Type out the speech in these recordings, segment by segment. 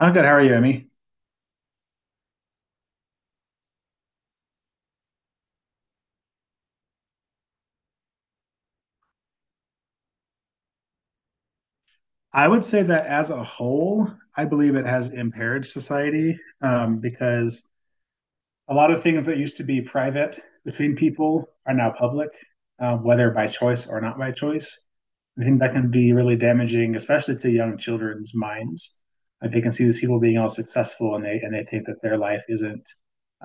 I'm good. How are you, Emmy? I would say that as a whole, I believe it has impaired society because a lot of things that used to be private between people are now public, whether by choice or not by choice. I think that can be really damaging, especially to young children's minds. Like they can see these people being all successful, and they think that their life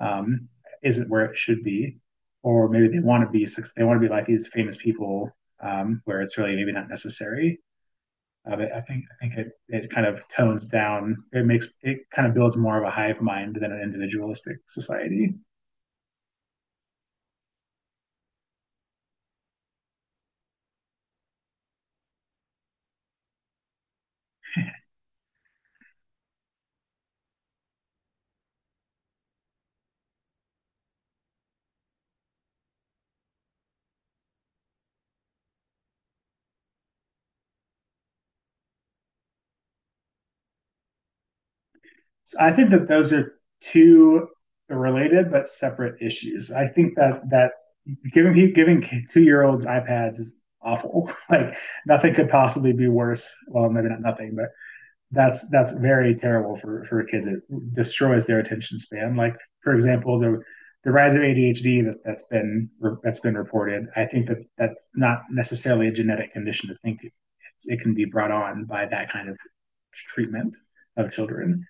um, isn't where it should be, or maybe they want to they want to be like these famous people, where it's really maybe not necessary. But it kind of tones down. It makes it kind of builds more of a hive mind than an individualistic society. So I think that those are two related but separate issues. I think that giving two-year-olds iPads is awful. Like nothing could possibly be worse. Well, maybe not nothing, but that's very terrible for kids. It destroys their attention span. Like for example, the rise of ADHD that's been reported. I think that that's not necessarily a genetic condition. To think it's, it can be brought on by that kind of treatment of children.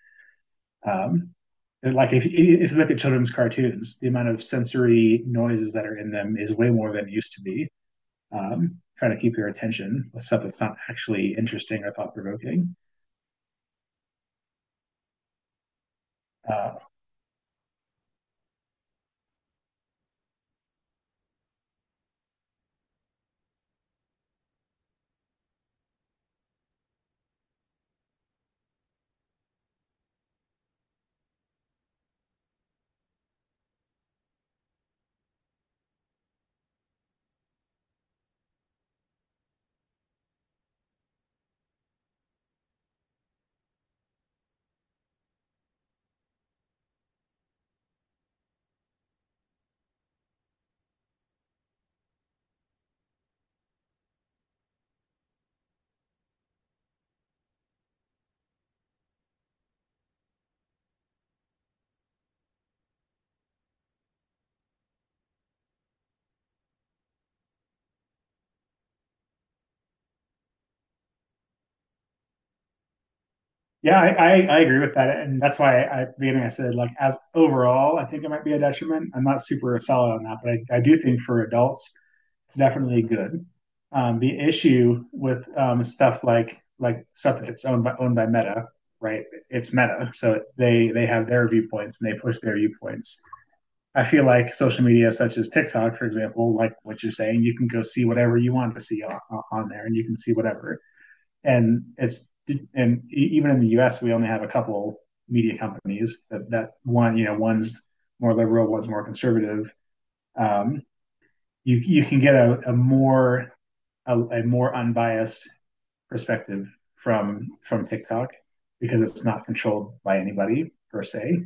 Um, like if you look at children's cartoons, the amount of sensory noises that are in them is way more than it used to be. Trying to keep your attention with stuff that's not actually interesting or thought provoking. Uh, Yeah, I agree with that, and that's why at the beginning I said like as overall, I think it might be a detriment. I'm not super solid on that, but I do think for adults, it's definitely good. The issue with stuff like stuff that's owned by Meta, right? It's Meta, so they have their viewpoints and they push their viewpoints. I feel like social media such as TikTok, for example, like what you're saying, you can go see whatever you want to see on there, and you can see whatever and it's and even in the U.S. we only have a couple media companies that, that one you know one's more liberal, one's more conservative. Um, you can get a more a more unbiased perspective from TikTok because it's not controlled by anybody per se.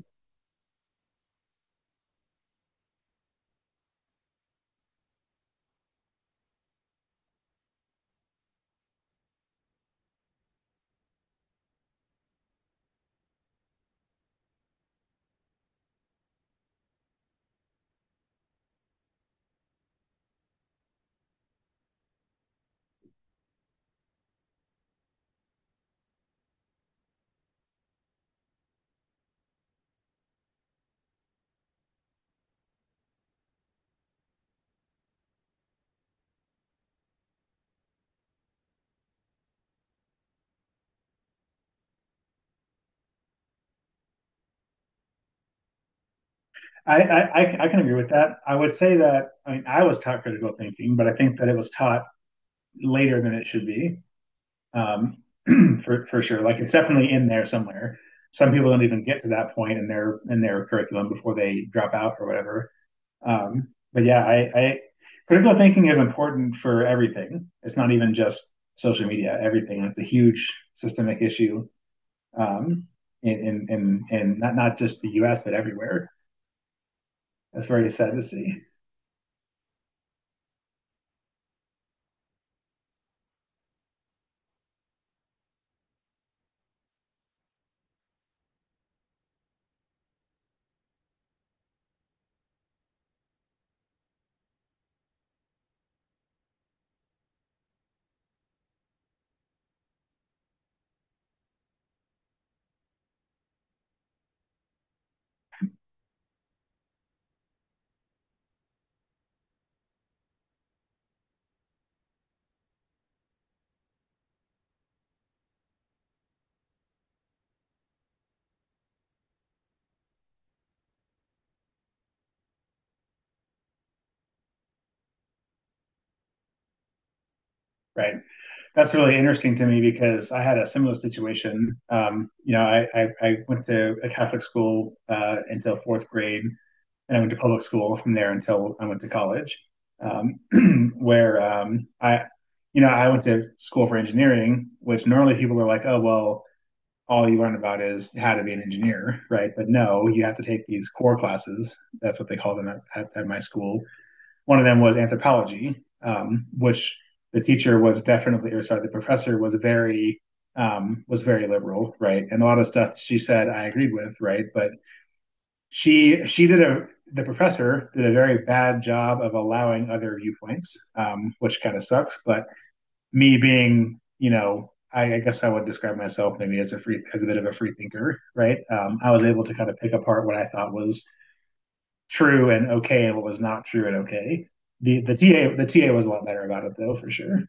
I can agree with that. I would say that I mean I was taught critical thinking, but I think that it was taught later than it should be. um, for sure. Like it's definitely in there somewhere. Some people don't even get to that point in their curriculum before they drop out or whatever. But yeah, I, critical thinking is important for everything. It's not even just social media. Everything. It's a huge systemic issue um, in not just the U.S. but everywhere. That's very sad to see. Right. That's really interesting to me because I had a similar situation. You know, I went to a Catholic school until fourth grade, and I went to public school from there until I went to college, um, where you know, I went to school for engineering, which normally people are like, oh, well, all you learn about is how to be an engineer, right? But no, you have to take these core classes. That's what they call them at my school. One of them was anthropology, which the teacher was definitely, or sorry, the professor was very liberal, right? And a lot of stuff she said I agreed with, right? But she did a the professor did a very bad job of allowing other viewpoints, which kind of sucks. But me being, you know, guess I would describe myself maybe as a bit of a free thinker, right? I was able to kind of pick apart what I thought was true and okay and what was not true and okay. The TA was a lot better about it though for sure.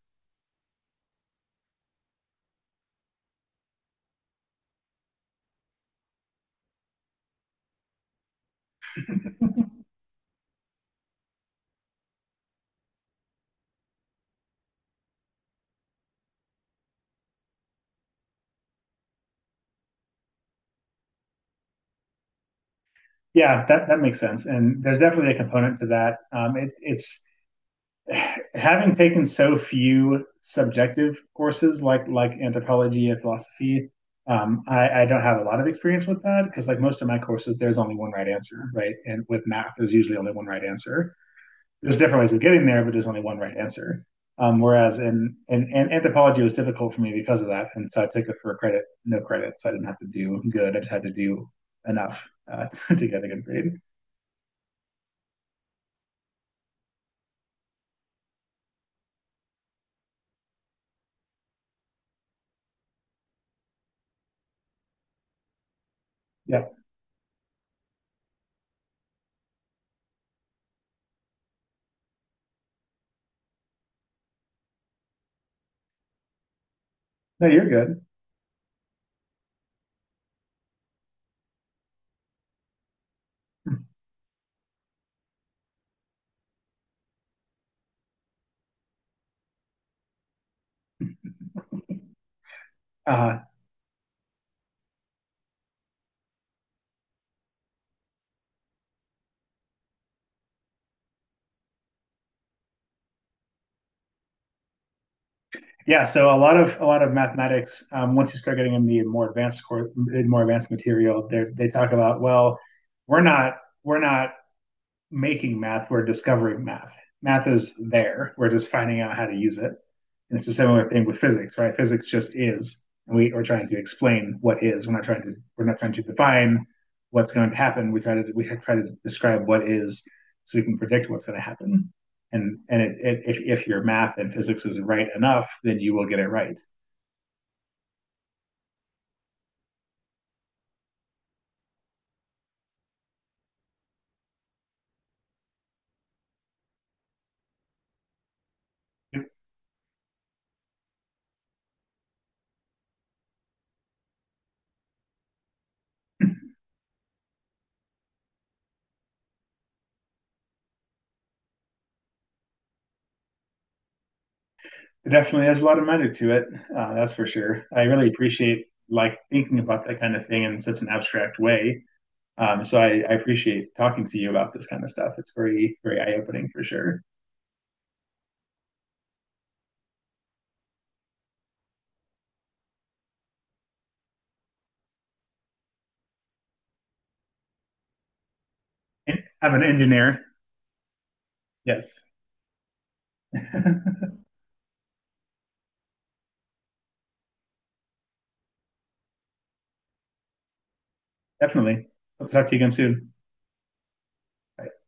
Yeah, that makes sense, and there's definitely a component to that. It's having taken so few subjective courses like anthropology and philosophy. I don't have a lot of experience with that because like most of my courses, there's only one right answer, right? And with math, there's usually only one right answer. There's different ways of getting there, but there's only one right answer. Whereas in anthropology, it was difficult for me because of that, and so I took it for credit, no credit, so I didn't have to do good. I just had to do enough to get a good grade. Yeah, no, you're good. Uh, yeah, so a lot of mathematics. Once you start getting in the more advanced course, more advanced material, they talk about, well, we're not we're not making math, we're discovering math. Math is there. We're just finding out how to use it. And it's a similar thing with physics, right? Physics just is. And we are trying to explain what is. We're not trying to define what's going to happen. We try to describe what is so we can predict what's going to happen. And if your math and physics is right enough, then you will get it right. It definitely has a lot of magic to it. That's for sure. I really appreciate like thinking about that kind of thing in such an abstract way. So I appreciate talking to you about this kind of stuff. It's very, very eye opening for sure. I'm an engineer. Yes. Definitely. I'll talk to you again soon. Bye.